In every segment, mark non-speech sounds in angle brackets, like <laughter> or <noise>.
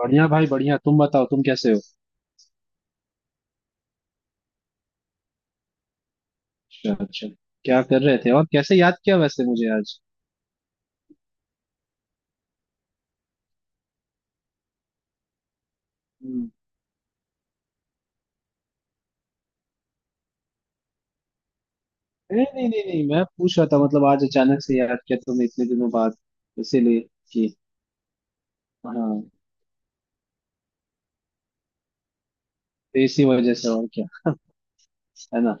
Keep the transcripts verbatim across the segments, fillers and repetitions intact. बढ़िया भाई, बढ़िया। तुम बताओ, तुम कैसे हो। अच्छा, अच्छा। क्या कर रहे थे, और कैसे याद किया वैसे मुझे आज। हम्म। नहीं नहीं नहीं नहीं, मैं पूछ रहा था मतलब आज अचानक से याद किया तुमने इतने दिनों बाद, इसीलिए कि। हाँ, तो इसी वजह से और क्या। है ना।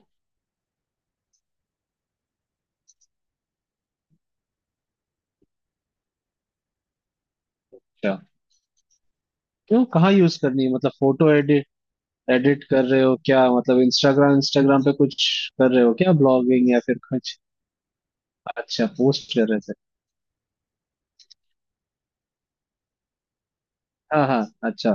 अच्छा। क्यों, कहाँ यूज करनी है, मतलब फोटो एडिट, एडिट कर रहे हो क्या, मतलब इंस्टाग्राम, इंस्टाग्राम पे कुछ कर रहे हो क्या, ब्लॉगिंग या फिर कुछ? अच्छा, पोस्ट कर रहे थे। हाँ हाँ, अच्छा।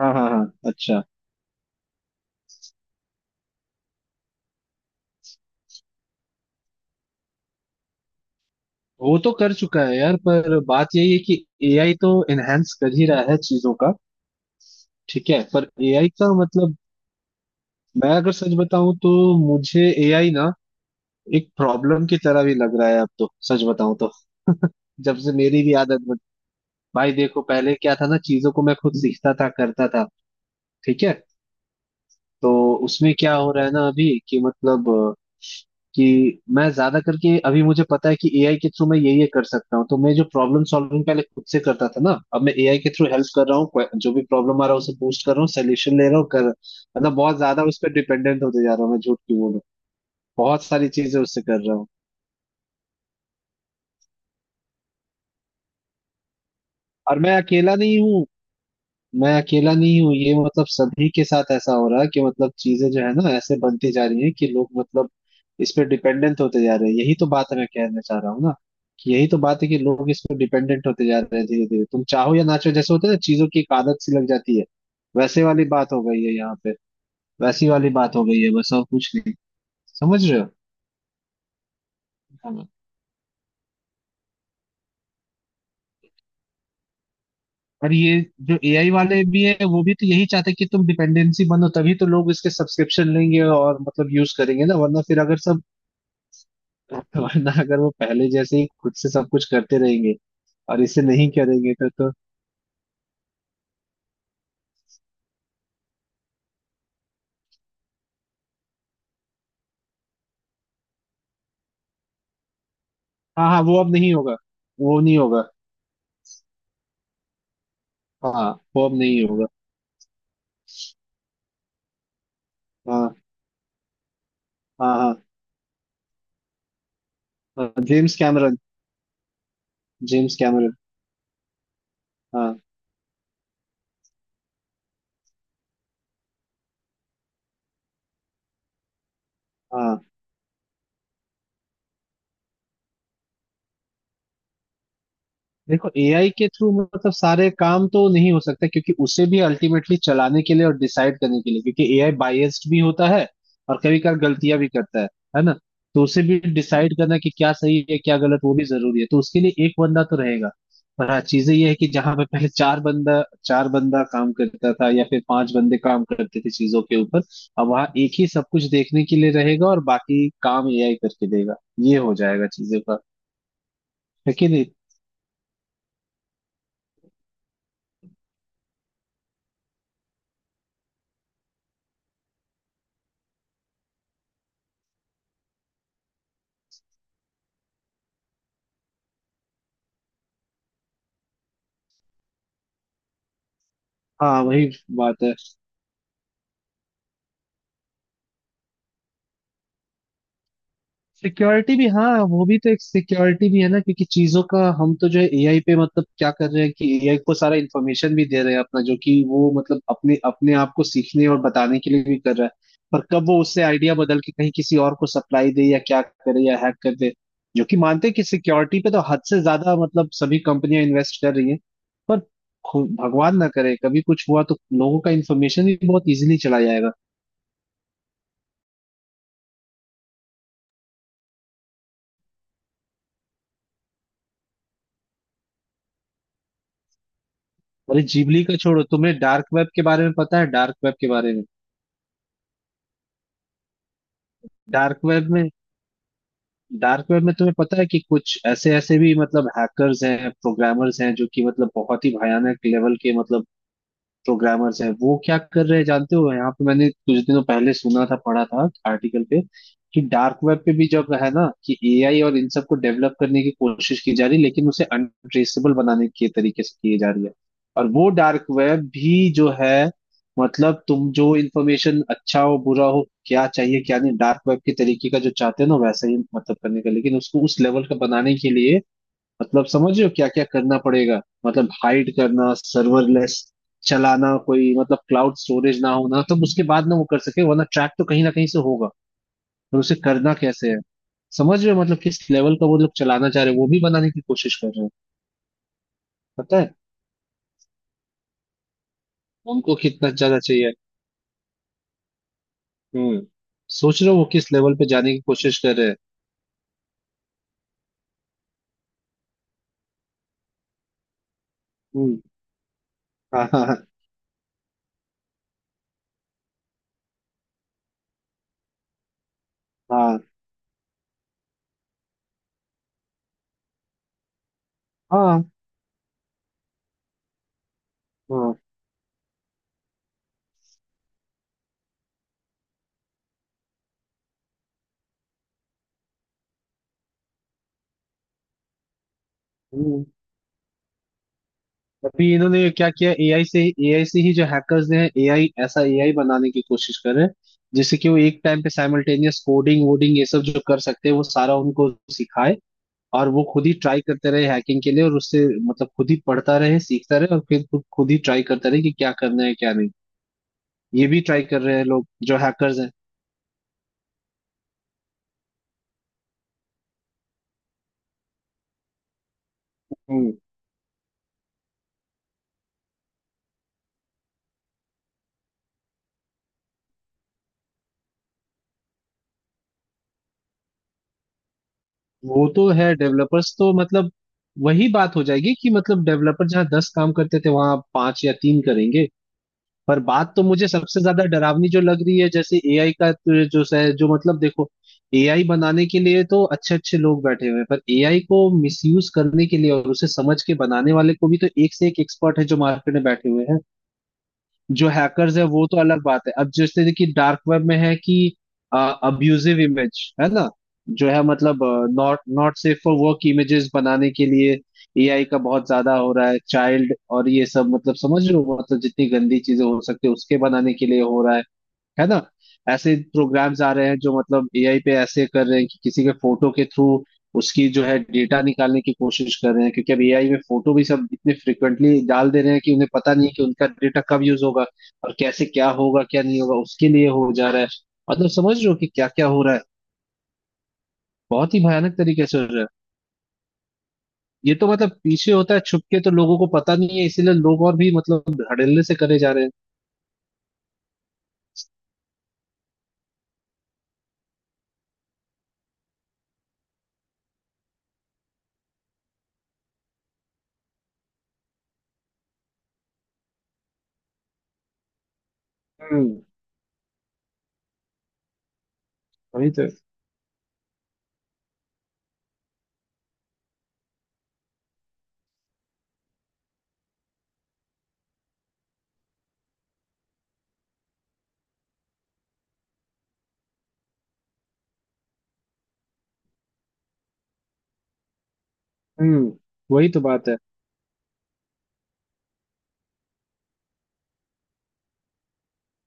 हाँ हाँ हाँ, अच्छा। वो तो कर चुका है यार, पर बात यही है कि ए आई तो एनहेंस कर ही रहा है चीजों का। ठीक है, पर एआई का मतलब, मैं अगर सच बताऊं तो, मुझे एआई ना एक प्रॉब्लम की तरह भी लग रहा है अब तो, सच बताऊं तो, जब से मेरी भी आदत बन- भाई देखो, पहले क्या था ना, चीजों को मैं खुद सीखता था, करता था। ठीक है। तो उसमें क्या हो रहा है ना अभी, कि मतलब अ, कि मैं ज्यादा करके अभी मुझे पता है कि एआई के थ्रू मैं ये ये कर सकता हूँ, तो मैं जो प्रॉब्लम सॉल्विंग पहले खुद से करता था ना, अब मैं एआई के थ्रू हेल्प कर रहा हूँ, जो भी प्रॉब्लम आ रहा है उसे पूछ कर रहा हूँ, सोल्यूशन ले रहा हूँ, कर मतलब बहुत ज्यादा उस पर डिपेंडेंट होते जा रहा हूँ, मैं झूठ क्यों बोलूँ। बहुत सारी चीजें उससे कर रहा हूँ। और मैं अकेला नहीं हूँ। मैं अकेला नहीं हूँ, ये मतलब सभी के साथ ऐसा हो रहा है, कि मतलब चीजें जो है ना ऐसे बनती जा रही हैं कि लोग मतलब इस पे डिपेंडेंट होते जा रहे हैं, यही तो बात मैं कहना चाह रहा हूँ ना। कि यही तो बात है कि लोग इस पे डिपेंडेंट होते जा रहे हैं धीरे धीरे, तुम चाहो या ना चाहो, जैसे होता है ना चीजों की एक आदत सी लग जाती है, वैसे वाली बात हो गई है यहाँ पे। वैसी वाली बात हो गई है बस, और कुछ नहीं। समझ रहे हो। हाँ। और ये जो एआई वाले भी है वो भी तो यही चाहते हैं कि तुम डिपेंडेंसी बनो, तभी तो लोग इसके सब्सक्रिप्शन लेंगे और मतलब यूज करेंगे ना, वरना फिर अगर सब <laughs> वरना अगर वो पहले जैसे ही खुद से सब कुछ करते रहेंगे और इसे नहीं करेंगे तो तो। हाँ हाँ, वो अब नहीं होगा। वो नहीं होगा। हाँ, वो अब नहीं होगा। हाँ हाँ हाँ, हाँ, जेम्स कैमरन। James Cameron. हाँ हाँ। देखो, एआई के थ्रू मतलब सारे काम तो नहीं हो सकते, क्योंकि उसे भी अल्टीमेटली चलाने के लिए और डिसाइड करने के लिए, क्योंकि एआई बायस्ड भी होता है और कभी कभार गलतियां भी करता है है ना। तो उसे भी डिसाइड करना कि क्या सही है क्या गलत, वो भी जरूरी है, तो उसके लिए एक बंदा तो रहेगा। पर हाँ, चीजें ये है कि जहां पे पहले चार बंदा चार बंदा काम करता था या फिर पांच बंदे काम करते थे चीजों के ऊपर, अब वहां एक ही सब कुछ देखने के लिए रहेगा और बाकी काम एआई करके देगा। ये हो जाएगा चीजों का, है कि नहीं। हाँ, वही बात है। सिक्योरिटी भी हाँ, वो भी तो एक सिक्योरिटी भी है ना, क्योंकि चीजों का, हम तो जो है एआई पे मतलब क्या कर रहे हैं कि एआई को सारा इन्फॉर्मेशन भी दे रहे हैं अपना, जो कि वो मतलब अपने अपने आप को सीखने और बताने के लिए भी कर रहा है। पर कब वो उससे आइडिया बदल के कहीं किसी और को सप्लाई दे, या क्या करे, या हैक कर दे। जो कि मानते हैं कि सिक्योरिटी पे तो हद से ज्यादा मतलब सभी कंपनियां इन्वेस्ट कर रही हैं, पर खु- भगवान ना करे कभी कुछ हुआ तो लोगों का इन्फॉर्मेशन भी बहुत इजीली चला जाएगा। अरे, जीवली का छोड़ो, तुम्हें डार्क वेब के बारे में पता है? डार्क वेब के बारे में? डार्क वेब में, डार्क वेब में तुम्हें पता है कि कुछ ऐसे ऐसे भी मतलब हैकर्स हैं, प्रोग्रामर्स हैं, जो कि मतलब बहुत ही भयानक लेवल के मतलब प्रोग्रामर्स हैं। वो क्या कर रहे हैं जानते हो, यहाँ पे मैंने कुछ दिनों पहले सुना था, पढ़ा था आर्टिकल पे, कि डार्क वेब पे भी जब है ना कि एआई और इन सबको डेवलप करने की कोशिश की जा रही है, लेकिन उसे अनट्रेसेबल बनाने के तरीके से किए जा रही है। और वो डार्क वेब भी जो है, मतलब तुम जो इन्फॉर्मेशन, अच्छा हो बुरा हो, क्या चाहिए क्या नहीं, डार्क वेब के तरीके का जो चाहते हैं ना वैसा ही मतलब करने का, लेकिन उसको उस लेवल का बनाने के लिए, मतलब समझ रहे हो क्या क्या करना पड़ेगा। मतलब हाइड करना, सर्वरलेस चलाना, कोई मतलब क्लाउड स्टोरेज ना होना, तब उसके बाद ना वो कर सके, वरना ट्रैक तो कहीं ना कहीं से होगा। पर उसे करना कैसे है, समझ रहे हो मतलब किस लेवल का वो लोग चलाना चाह रहे हैं, वो भी बनाने की कोशिश कर रहे हैं। पता है उनको कितना ज्यादा चाहिए। हम्म। सोच रहे हो वो किस लेवल पे जाने की कोशिश कर रहे हैं। हम्म। हाँ हाँ हाँ हाँ हाँ हाँ, हाँ। अभी इन्होंने क्या किया, एआई से ही, एआई से ही, जो हैकर्स ने, एआई ऐसा एआई बनाने की कोशिश कर रहे हैं, जिससे कि वो एक टाइम पे साइमल्टेनियस कोडिंग वोडिंग ये सब जो कर सकते हैं, वो सारा उनको सिखाए। और वो खुद ही ट्राई करते रहे हैकिंग के लिए, और उससे मतलब खुद ही पढ़ता रहे, सीखता रहे, और फिर खुद खुद ही ट्राई करता रहे कि क्या करना है क्या नहीं। ये भी ट्राई कर रहे हैं लोग, जो हैकर्स हैं। हम्म। वो तो है, डेवलपर्स तो मतलब वही बात हो जाएगी कि मतलब डेवलपर जहाँ दस काम करते थे, वहां पांच या तीन करेंगे। पर बात तो मुझे सबसे ज्यादा डरावनी जो लग रही है, जैसे एआई का तो जो स- जो मतलब देखो, एआई बनाने के लिए तो अच्छे अच्छे लोग बैठे हुए हैं, पर एआई को मिसयूज करने के लिए और उसे समझ के बनाने वाले को भी तो एक से एक एक्सपर्ट है जो मार्केट में बैठे हुए हैं। जो हैकर्स है वो तो अलग बात है। अब जैसे कि डार्क वेब में है कि अब्यूजिव इमेज है ना, जो है मतलब not not safe for work images बनाने के लिए एआई का बहुत ज्यादा हो रहा है, चाइल्ड और ये सब, मतलब समझ रहे हो, मतलब जितनी गंदी चीजें हो सकती है उसके बनाने के लिए हो रहा है है ना। ऐसे प्रोग्राम्स आ रहे हैं जो मतलब एआई पे ऐसे कर रहे हैं कि किसी के फोटो के थ्रू उसकी जो है डेटा निकालने की कोशिश कर रहे हैं, क्योंकि अब एआई में फोटो भी सब इतने फ्रिक्वेंटली डाल दे रहे हैं कि उन्हें पता नहीं है कि उनका डेटा कब यूज होगा और कैसे, क्या होगा क्या नहीं होगा उसके लिए हो जा रहा है। मतलब समझ रहे हो कि क्या क्या हो रहा है, बहुत ही भयानक तरीके से हो रहा है। ये तो मतलब पीछे होता है छुप के, तो लोगों को पता नहीं है, इसीलिए लोग और भी मतलब धड़ल्ले से करे जा रहे हैं। हम्म, वही तो। हम्म, वही तो बात है।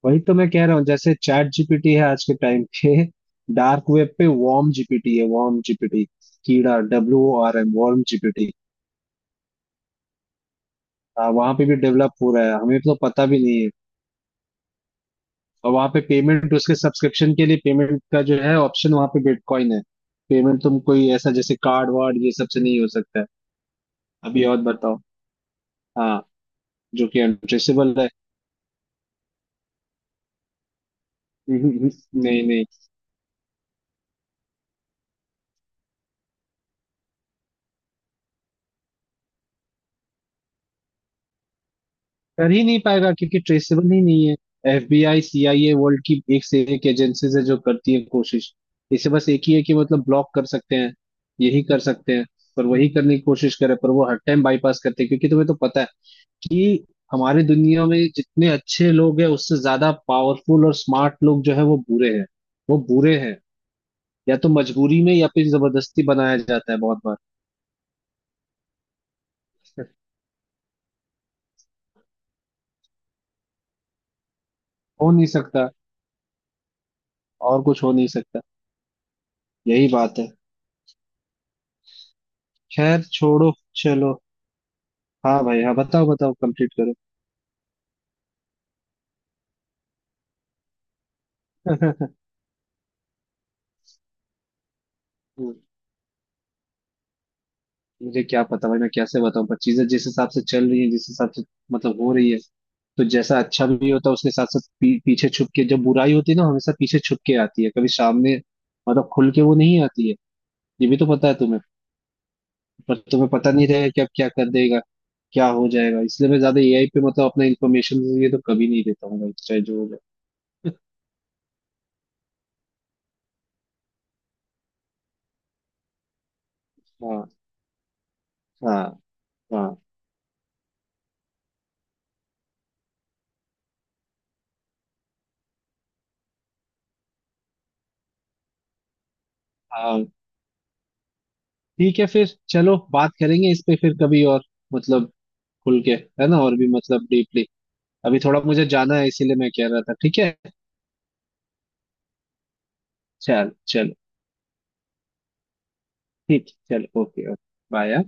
वही तो मैं कह रहा हूँ, जैसे चैट जी पी टी है आज के टाइम पे, डार्क वेब पे वॉर्म जीपीटी है। वॉर्म जीपीटी, कीड़ा, W R M worm GPT. वहां पे भी डेवलप हो रहा है, हमें तो पता भी नहीं है। और वहां पे पेमेंट, उसके सब्सक्रिप्शन के लिए पेमेंट का जो है ऑप्शन वहां पे बिटकॉइन है। पेमेंट तुम कोई ऐसा जैसे कार्ड वार्ड ये सब से नहीं हो सकता है। अभी और बताओ। हाँ, जो कि अनट्रेसेबल है। <laughs> नहीं नहीं, कर ही नहीं पाएगा, क्योंकि ट्रेसेबल ही नहीं है। F B I, C I A, world की एक से एक एजेंसीज है जो करती है कोशिश। इसे बस एक ही है कि मतलब ब्लॉक कर सकते हैं, यही कर सकते हैं। पर वही करने की कोशिश करे, पर वो हर टाइम बाईपास करते हैं, क्योंकि तुम्हें तो पता है कि हमारे दुनिया में जितने अच्छे लोग हैं उससे ज्यादा पावरफुल और स्मार्ट लोग जो है वो बुरे हैं। वो बुरे हैं, या तो मजबूरी में या फिर जबरदस्ती बनाया जाता है बहुत बार। हो नहीं सकता, और कुछ हो नहीं सकता, यही बात है। खैर छोड़ो, चलो। हाँ भाई, हाँ बताओ बताओ, कंप्लीट करो। <laughs> हम्म, मुझे क्या पता भाई मैं कैसे बताऊं, पर चीजें जिस हिसाब से चल रही हैं, जिस हिसाब से मतलब हो रही है, तो जैसा अच्छा भी होता है उसके साथ साथ पी, पीछे छुप के जब बुराई होती है ना, हमेशा पीछे छुप के आती है, कभी सामने मतलब खुल के वो नहीं आती है। ये भी तो पता है तुम्हें। पर तुम्हें पता नहीं रहेगा कि अब क्या कर देगा, क्या हो जाएगा, इसलिए मैं ज्यादा एआई पे मतलब अपना इंफॉर्मेशन ये तो कभी नहीं देता हूँ भाई, चाहे जो हो जाए। <laughs> हाँ हाँ हाँ हाँ, ठीक है फिर। चलो बात करेंगे इस पे फिर कभी और, मतलब खुल के, है ना, और भी मतलब डीपली, अभी थोड़ा मुझे जाना है इसीलिए मैं कह रहा था। ठीक है, चल चलो। ठीक, चलो। Okay okay. बाय।